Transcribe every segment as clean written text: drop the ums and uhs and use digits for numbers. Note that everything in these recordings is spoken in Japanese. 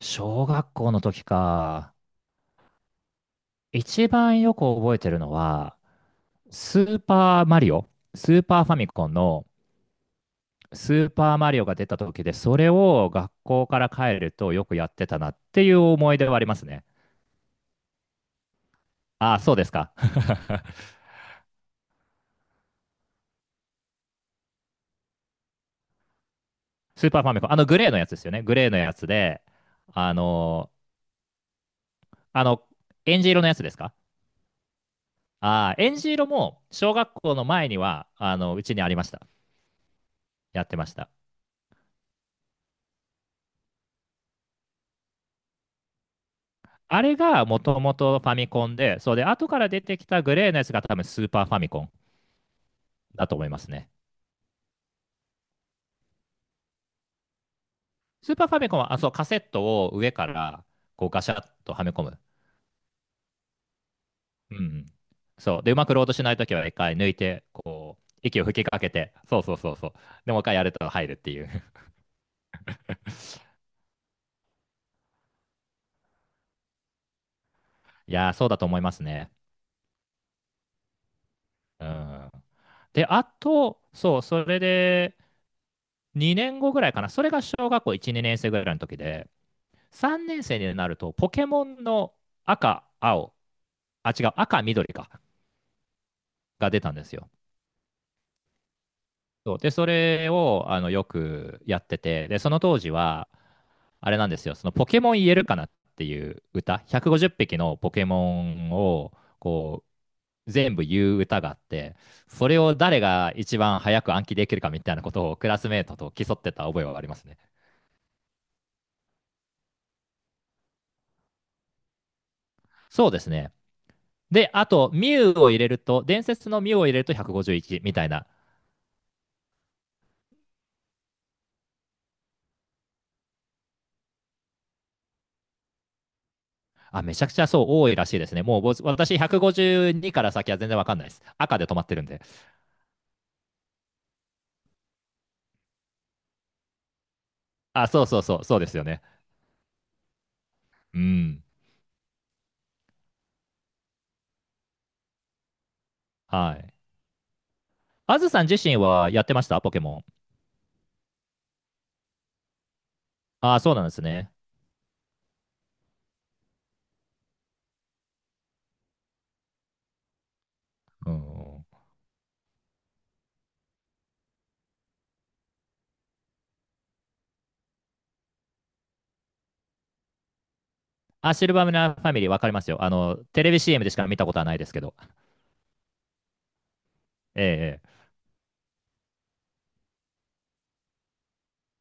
小学校の時か。一番よく覚えてるのは、スーパーマリオ、スーパーファミコンのスーパーマリオが出た時で、それを学校から帰るとよくやってたなっていう思い出はありますね。ああ、そうですか。スーパーファミコン。あのグレーのやつですよね。グレーのやつで、あのあの、エンジ色のやつですか？ああー、エンジ色も小学校の前には、あの、うちにありました。やってました。あれがもともとファミコンで、そうで、後から出てきたグレーのやつが多分スーパーファミコンだと思いますね。スーパーファミコンは、あ、そう、カセットを上からこうガシャッとはめ込む。うんうん。そう。で、うまくロードしないときは一回抜いて、こう、息を吹きかけて、そうそうそうそう。で、もう一回やると入るっていう。いやー、そうだと思いますね。うん。で、あと、そう、それで2年後ぐらいかな。それが小学校1、2年生ぐらいの時で、3年生になると、ポケモンの赤、青、あ、違う、赤、緑か、が出たんですよ。そうで、それをあのよくやってて、で、その当時は、あれなんですよ、そのポケモン言えるかなっていう歌、150匹のポケモンをこう全部言う歌があって、それを誰が一番早く暗記できるかみたいなことをクラスメートと競ってた覚えはありますね。そうですね。で、あと、ミュウを入れると、伝説のミュウを入れると151みたいな。あ、めちゃくちゃそう多いらしいですね。もう私152から先は全然わかんないです。赤で止まってるんで。あ、そうそうそう、そうですよね。うん。はい。あずさん自身はやってましたポケモン？あ、そうなんですね。うん。あ、シルバーミラーファミリーわかりますよ。あの、テレビ CM でしか見たことはないですけど。ええええ。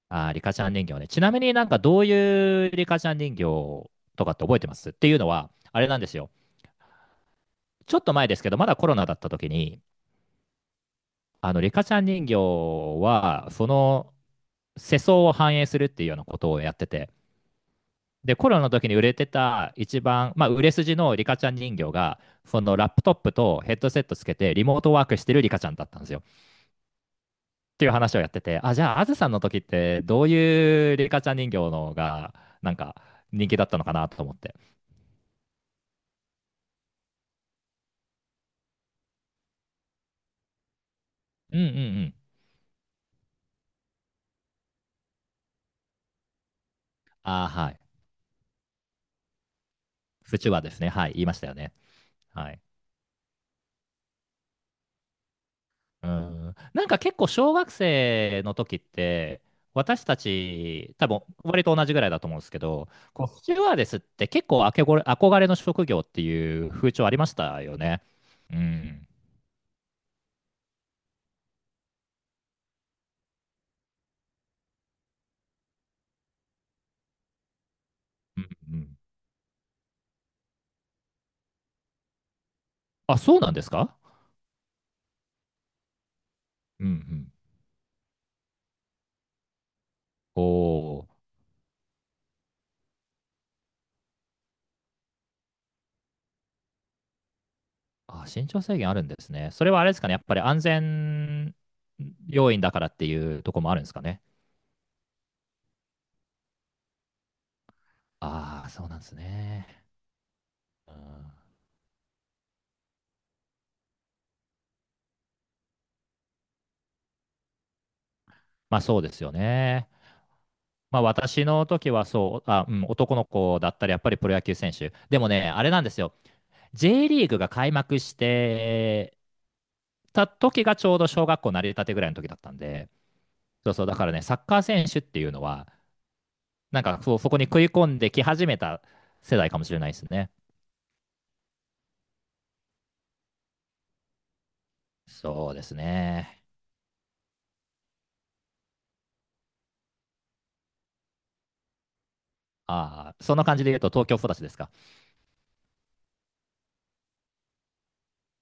あ、リカちゃん人形ね。ちなみになんかどういうリカちゃん人形とかって覚えてますっていうのは、あれなんですよ。ちょっと前ですけど、まだコロナだった時に、あの、リカちゃん人形は、その世相を反映するっていうようなことをやってて、で、コロナの時に売れてた一番、まあ、売れ筋のリカちゃん人形が、そのラップトップとヘッドセットつけてリモートワークしてるリカちゃんだったんですよ。っていう話をやってて、あ、じゃあ、あずさんの時ってどういうリカちゃん人形のが、なんか人気だったのかなと思って。うんうんうん。あーはい。不中はですね。はい。言いましたよね。はい。うん、なんか結構小学生の時って、私たち、多分割と同じぐらいだと思うんですけど、こうスチュワーデスって結構あけごれ憧れの職業っていう風潮ありましたよね。うん。うん、あ、そうなんですか？うんうん。おお。あ、身長制限あるんですね。それはあれですかね、やっぱり安全要因だからっていうところもあるんですかね。ああ、そうなんですね。うん、まあそうですよね。まあ、私の時はそう、あ、うん、男の子だったらやっぱりプロ野球選手。でもね、あれなんですよ。J リーグが開幕してた時がちょうど小学校なり立てぐらいの時だったんで、そうそう、だからね、サッカー選手っていうのは、なんかそう、そこに食い込んでき始めた世代かもしれないですね。そうですね。ああ、そんな感じで言うと東京育ちですか？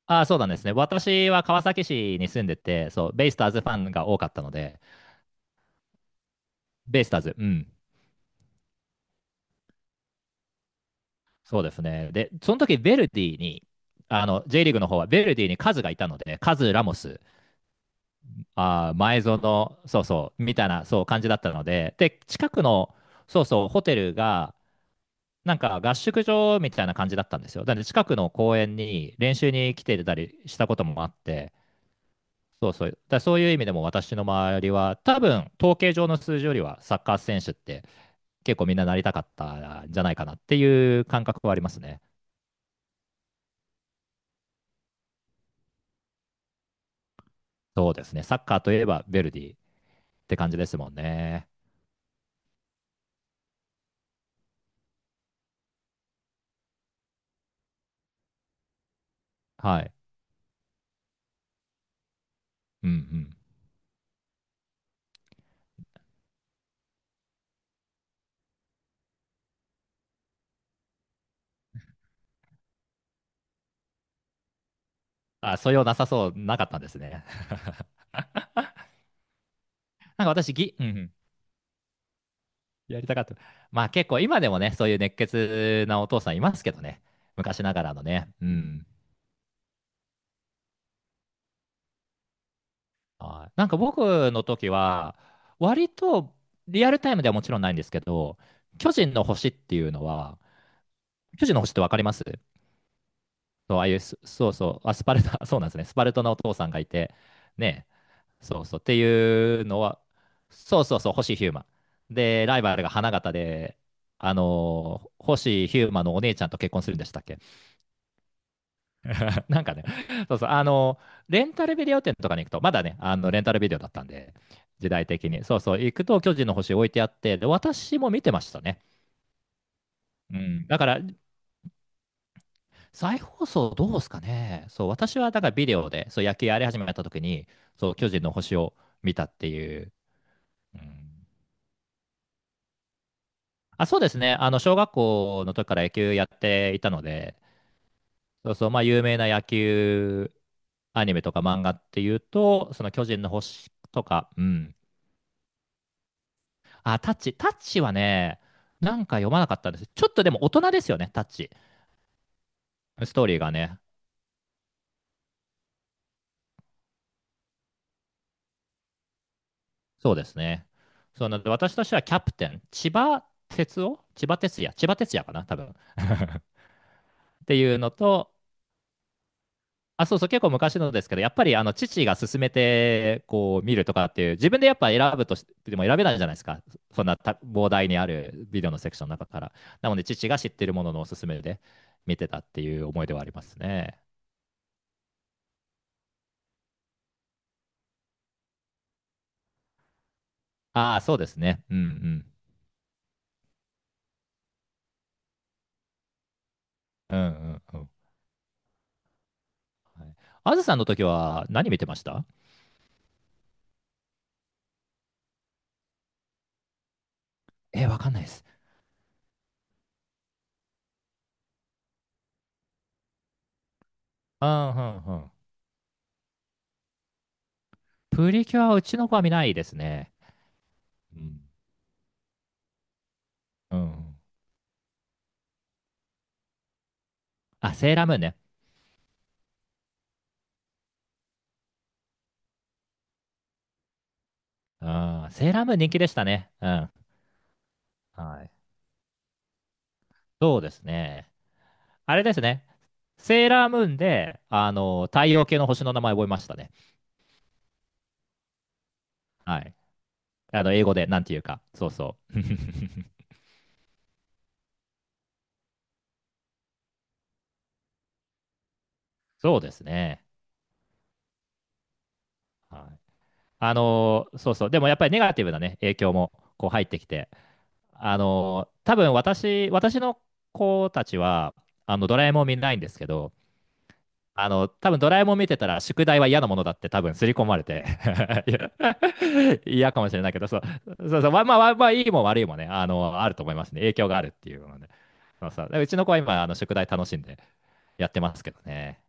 ああ、そうなんですね。私は川崎市に住んでて、そう、ベイスターズファンが多かったので、ベイスターズ、うん、そうですね。で、その時ヴェルディに、あの J リーグの方はヴェルディにカズがいたので、カズ、ラモス、あー前園、そうそう、みたいなそう感じだったので、で、近くの、そうそう、ホテルが、なんか合宿場みたいな感じだったんですよ。だので近くの公園に練習に来てたりしたこともあって、そうそう、だからそういう意味でも私の周りは、多分統計上の数字よりはサッカー選手って結構みんななりたかったんじゃないかなっていう感覚はありますね。そうですね、サッカーといえばヴェルディって感じですもんね。はい。うんうん。あ、素養なさそう、なかったんですね。なんか私、うんうん、やりたかった。まあ結構今でもね、そういう熱血なお父さんいますけどね。昔ながらのね。うん。はい。なんか僕の時は、割とリアルタイムではもちろんないんですけど、巨人の星っていうのは、巨人の星ってわかります？そう、ああいう、そうそう、あ、スパルタ、そうなんですね。スパルトのお父さんがいて、ね？そうそう。っていうのは、そうそうそう、星ヒューマン。で、ライバルが花形で、あのー星ヒューマンのお姉ちゃんと結婚するんでしたっけ？ なんかね、そうそう、あのーレンタルビデオ店とかに行くと、まだね、あのレンタルビデオだったんで、時代的に。そうそう、行くと巨人の星置いてあって、で、私も見てましたね。うん、だから、再放送どうですかね。そう、私はだからビデオで、そう、野球やり始めた時に、そう、巨人の星を見たっていう。うん。あ、そうですね。あの、小学校の時から野球やっていたので、そうそう、まあ、有名な野球アニメとか漫画っていうと、その巨人の星とか、うん。あ、タッチ、タッチはね、なんか読まなかったんです。ちょっとでも大人ですよね、タッチ。ストーリーがね。そうですね。そうなので、私としてはキャプテン、千葉哲也かな、多分 っていうのと、あ、そうそう、結構昔のですけど、やっぱりあの父が勧めてこう見るとかっていう、自分でやっぱ選ぶとしても選べないじゃないですか、そんな膨大にあるビデオのセクションの中から。なので、父が知ってるもののおすすめで見てたっていう思い出はありますね。ああ、そうですね。うんうん。うんうんうん。あずさんの時は何見てました？えー、わかんないです。うんうんうん。プリキュアはうちの子は見ないですね。うん。うんうん。あ、セーラームーンね。うん。セーラームーン人気でしたね。うん。はい。そうですね。あれですね。セーラームーンで、あの、太陽系の星の名前覚えましたね。はい。あの、英語で、なんていうか。そうそう。そうですね。はい。あの、そうそう。でもやっぱりネガティブなね、影響も、こう入ってきて。あの、多分私の子たちは、あの、ドラえもん見ないんですけど、あの、多分ドラえもん見てたら、宿題は嫌なものだって多分刷り込まれて いや嫌かもしれないけど、そう、そうそう、まあまあ、まあ、いいも悪いもね、あの、あると思いますね。影響があるっていうので。そうそう。でうちの子は今、あの、宿題楽しんでやってますけどね。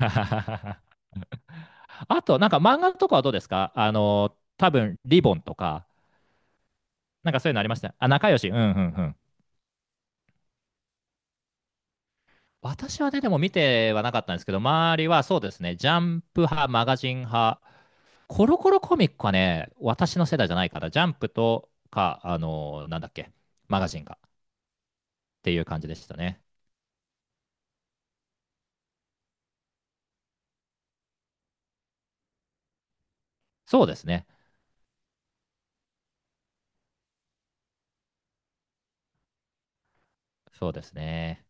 あと、なんか漫画とかはどうですか？あの、多分、リボンとか、なんかそういうのありましたね。あ、仲良し、うんうんうん。私はね、でも見てはなかったんですけど、周りはそうですね、ジャンプ派、マガジン派、コロコロコミックはね、私の世代じゃないから、ジャンプとか、あのーなんだっけ、マガジンかっていう感じでしたね。そうですね。そうですね。